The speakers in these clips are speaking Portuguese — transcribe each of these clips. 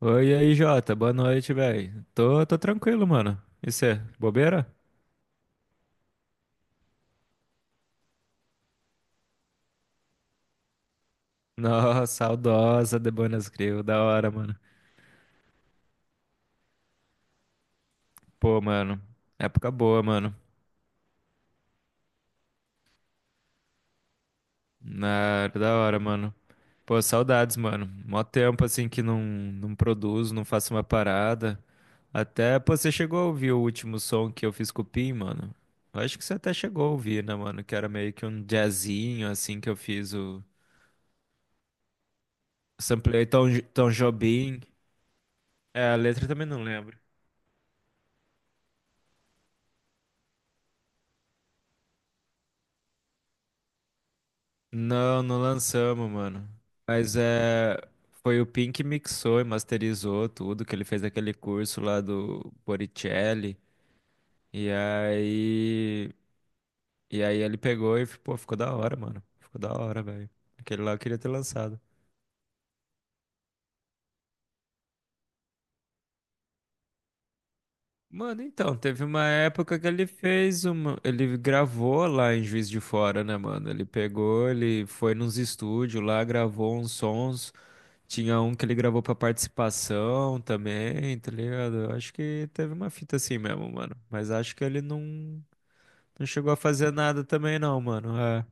Oi, e aí, Jota. Boa noite, velho. Tô tranquilo, mano. E cê, bobeira? Nossa, saudosa de Buenos Grill. Da hora, mano. Pô, mano. Época boa, mano. Na, da hora, mano. Pô, saudades, mano. Mó tempo, assim, que não produzo, não faço uma parada. Até, pô, você chegou a ouvir o último som que eu fiz com o Pim, mano? Eu acho que você até chegou a ouvir, né, mano? Que era meio que um jazzinho, assim, que eu fiz. Samplei Tom, Tom Jobim. É, a letra eu também não lembro. Não, não lançamos, mano. Mas é. Foi o Pink que mixou e masterizou tudo, que ele fez aquele curso lá do Boricelli. E aí. E aí ele pegou e, pô, ficou da hora, mano. Ficou da hora, velho. Aquele lá eu queria ter lançado. Mano, então, teve uma época que ele fez uma. Ele gravou lá em Juiz de Fora, né, mano? Ele pegou, ele foi nos estúdios lá, gravou uns sons. Tinha um que ele gravou pra participação também, tá ligado? Eu acho que teve uma fita assim mesmo, mano. Mas acho que ele não chegou a fazer nada também, não, mano. É.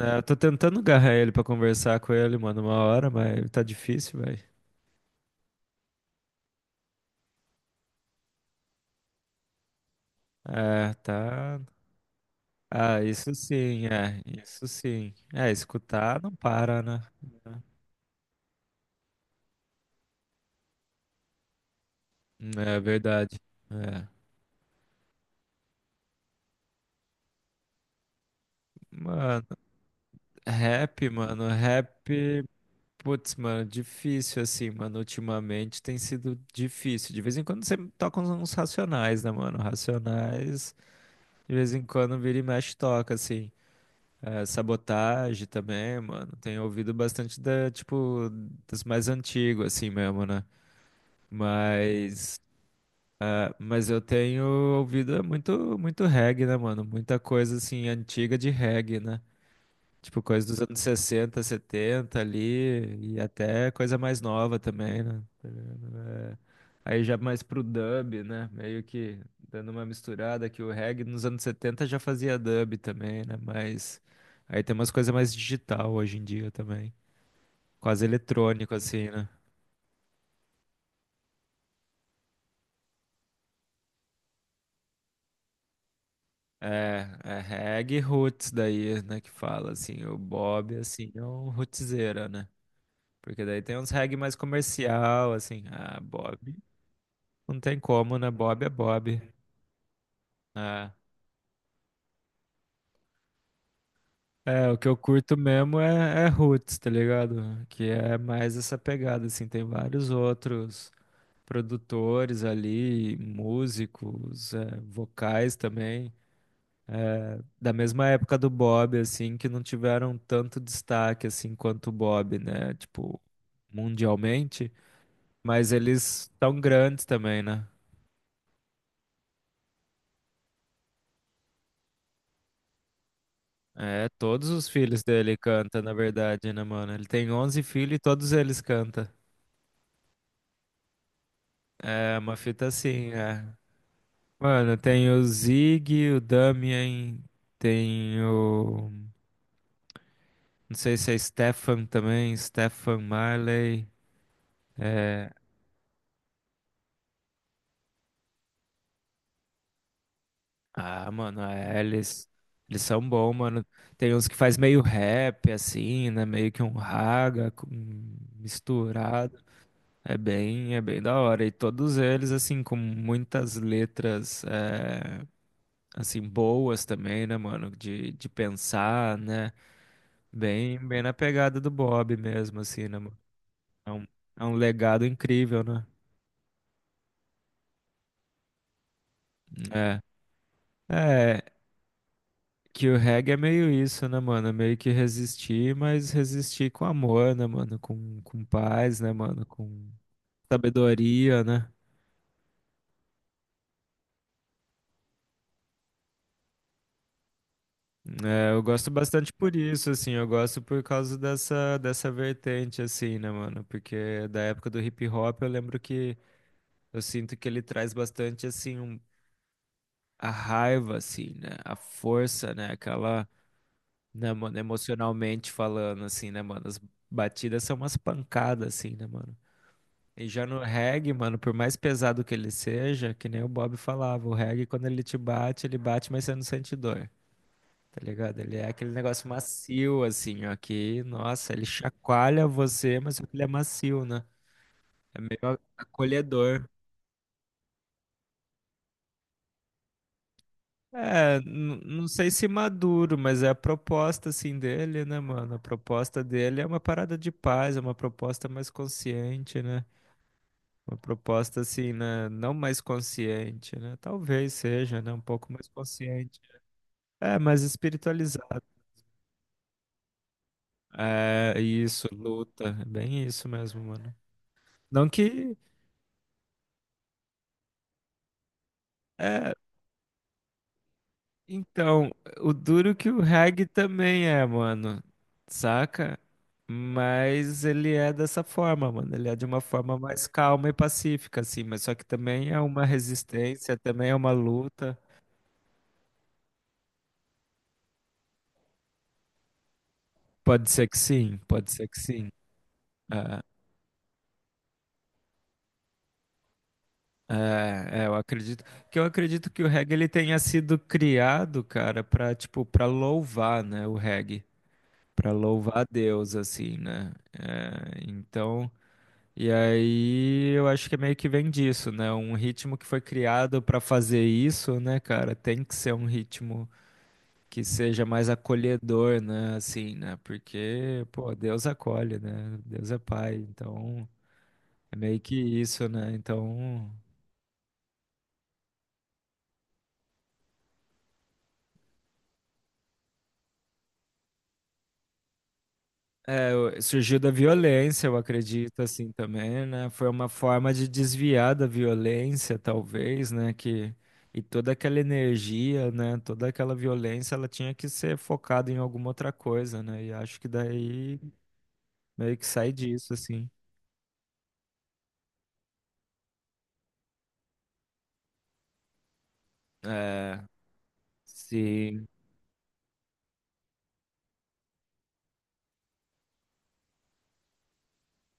É, eu tô tentando agarrar ele pra conversar com ele, mano, uma hora, mas tá difícil, velho. É, tá. Ah, isso sim. É, escutar não para, né? É verdade. É. Mano, rap, mano, rap. Putz, mano, difícil assim, mano. Ultimamente tem sido difícil. De vez em quando você toca uns racionais, né, mano? Racionais, de vez em quando vira e mexe toca, assim. É, sabotagem também, mano. Tenho ouvido bastante tipo, das mais antigas, assim mesmo, né? Mas, ah, mas eu tenho ouvido muito, muito reggae, né, mano? Muita coisa, assim, antiga de reggae, né? Tipo, coisa dos anos 60, 70 ali, e até coisa mais nova também, né? Tá ligado? É, aí já mais pro dub, né? Meio que dando uma misturada, que o reggae nos anos 70 já fazia dub também, né? Mas aí tem umas coisas mais digital hoje em dia também. Quase eletrônico, assim, né? É, é reggae roots daí, né, que fala, assim, o Bob, assim, é um rootzeira, né? Porque daí tem uns reggae mais comercial, assim, ah, Bob. Não tem como, né? Bob. É. É, o que eu curto mesmo é, é roots, tá ligado? Que é mais essa pegada, assim, tem vários outros produtores ali, músicos, é, vocais também, da mesma época do Bob, assim, que não tiveram tanto destaque, assim, quanto o Bob, né? Tipo, mundialmente, mas eles tão grandes também, né? É, todos os filhos dele cantam, na verdade, né, mano? Ele tem 11 filhos e todos eles cantam. É uma fita assim, é. Mano, tem o Zig, o Damien, tem o. Não sei se é Stefan também, Stefan Marley. É... Ah, mano, é, eles. Eles são bons, mano. Tem uns que faz meio rap, assim, né? Meio que um raga com- misturado. É bem da hora. E todos eles, assim, com muitas letras, é, assim, boas também, né, mano? De pensar, né? Bem na pegada do Bob mesmo, assim, né, mano? É um, é um legado incrível, né? É. É, que o reggae é meio isso, né, mano? É meio que resistir, mas resistir com amor, né, mano? Com paz, né, mano? Com sabedoria, né? É, eu gosto bastante por isso, assim, eu gosto por causa dessa vertente, assim, né, mano? Porque da época do hip hop eu lembro que eu sinto que ele traz bastante, assim, um- a raiva, assim, né? A força, né? Aquela, né, mano, emocionalmente falando, assim, né, mano? As batidas são umas pancadas, assim, né, mano? E já no reggae, mano, por mais pesado que ele seja, que nem o Bob falava, o reggae, quando ele te bate, ele bate, mas você não sente dor, tá ligado? Ele é aquele negócio macio, assim, ó, que, nossa, ele chacoalha você, mas ele é macio, né? É meio acolhedor. É, n- não sei se maduro, mas é a proposta assim dele, né, mano? A proposta dele é uma parada de paz, é uma proposta mais consciente, né? Uma proposta assim, né? Não mais consciente, né? Talvez seja, né? Um pouco mais consciente. É, mais espiritualizado. É, isso, luta. É bem isso mesmo, mano. Não que. É, então, o duro que o reggae também é, mano. Saca? Mas ele é dessa forma, mano. Ele é de uma forma mais calma e pacífica, assim. Mas só que também é uma resistência, também é uma luta. Pode ser que sim, pode ser que sim. É. É, é, eu acredito que o reggae ele tenha sido criado, cara, pra, tipo para louvar, né, o reggae, pra louvar a Deus assim, né? É, então, e aí eu acho que é meio que vem disso, né? Um ritmo que foi criado pra fazer isso, né, cara, tem que ser um ritmo que seja mais acolhedor, né, assim, né? Porque, pô, Deus acolhe, né? Deus é pai, então é meio que isso, né? Então é, o- surgiu da violência, eu acredito, assim também, né? Foi uma forma de desviar da violência, talvez, né? Que, e toda aquela energia, né? Toda aquela violência, ela tinha que ser focada em alguma outra coisa, né? E acho que daí meio que sai disso, assim. É, sim,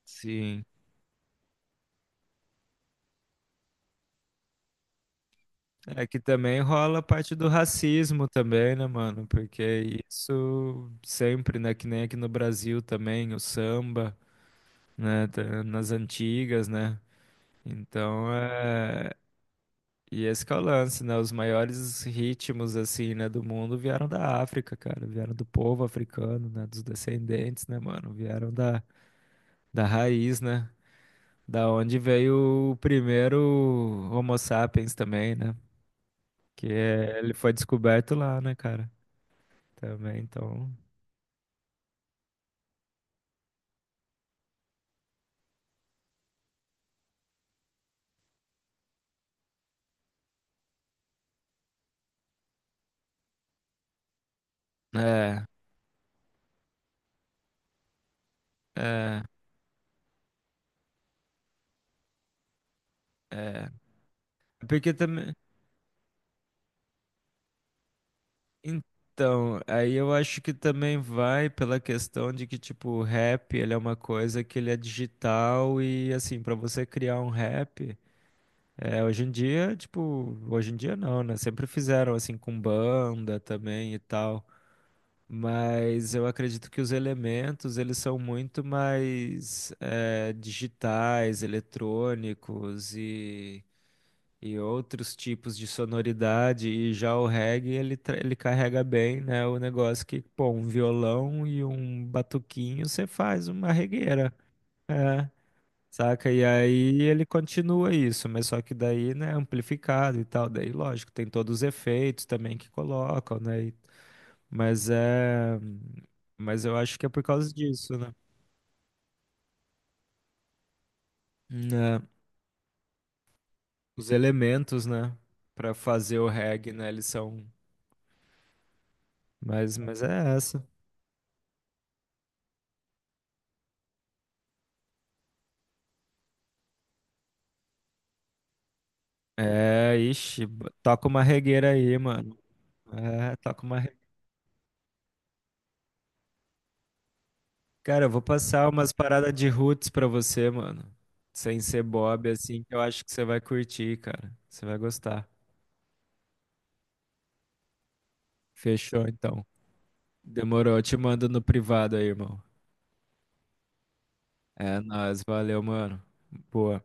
sim. É que também rola a parte do racismo também, né, mano? Porque isso sempre, né? Que nem aqui no Brasil também, o samba, né, tá nas antigas, né? Então é. E esse que é o lance, né? Os maiores ritmos, assim, né, do mundo vieram da África, cara. Vieram do povo africano, né? Dos descendentes, né, mano? Vieram da, da raiz, né? Da onde veio o primeiro Homo sapiens também, né? Que é- ele foi descoberto lá, né, cara? Também, então. É, é, é. Porque também. Então, aí eu acho que também vai pela questão de que, tipo, o rap, ele é uma coisa que ele é digital e, assim, pra você criar um rap, é, hoje em dia, tipo, hoje em dia não, né? Sempre fizeram, assim, com banda também e tal. Mas eu acredito que os elementos, eles são muito mais, é, digitais, eletrônicos e outros tipos de sonoridade, e já o reggae ele, tra- ele carrega bem, né? O negócio que, pô, um violão e um batuquinho você faz uma regueira, é, saca? E aí ele continua isso, mas só que daí, né, amplificado e tal, daí lógico, tem todos os efeitos também que colocam, né? E- mas é. Mas eu acho que é por causa disso, né? Né, os elementos, né, pra fazer o reggae, né, eles são. Mas é essa. É, ixi, b- toca uma regueira aí, mano. É, toca uma re... Cara, eu vou passar umas paradas de roots pra você, mano. Sem ser Bob, assim, que eu acho que você vai curtir, cara. Você vai gostar. Fechou, então. Demorou, eu te mando no privado aí, irmão. É nóis, valeu, mano. Boa.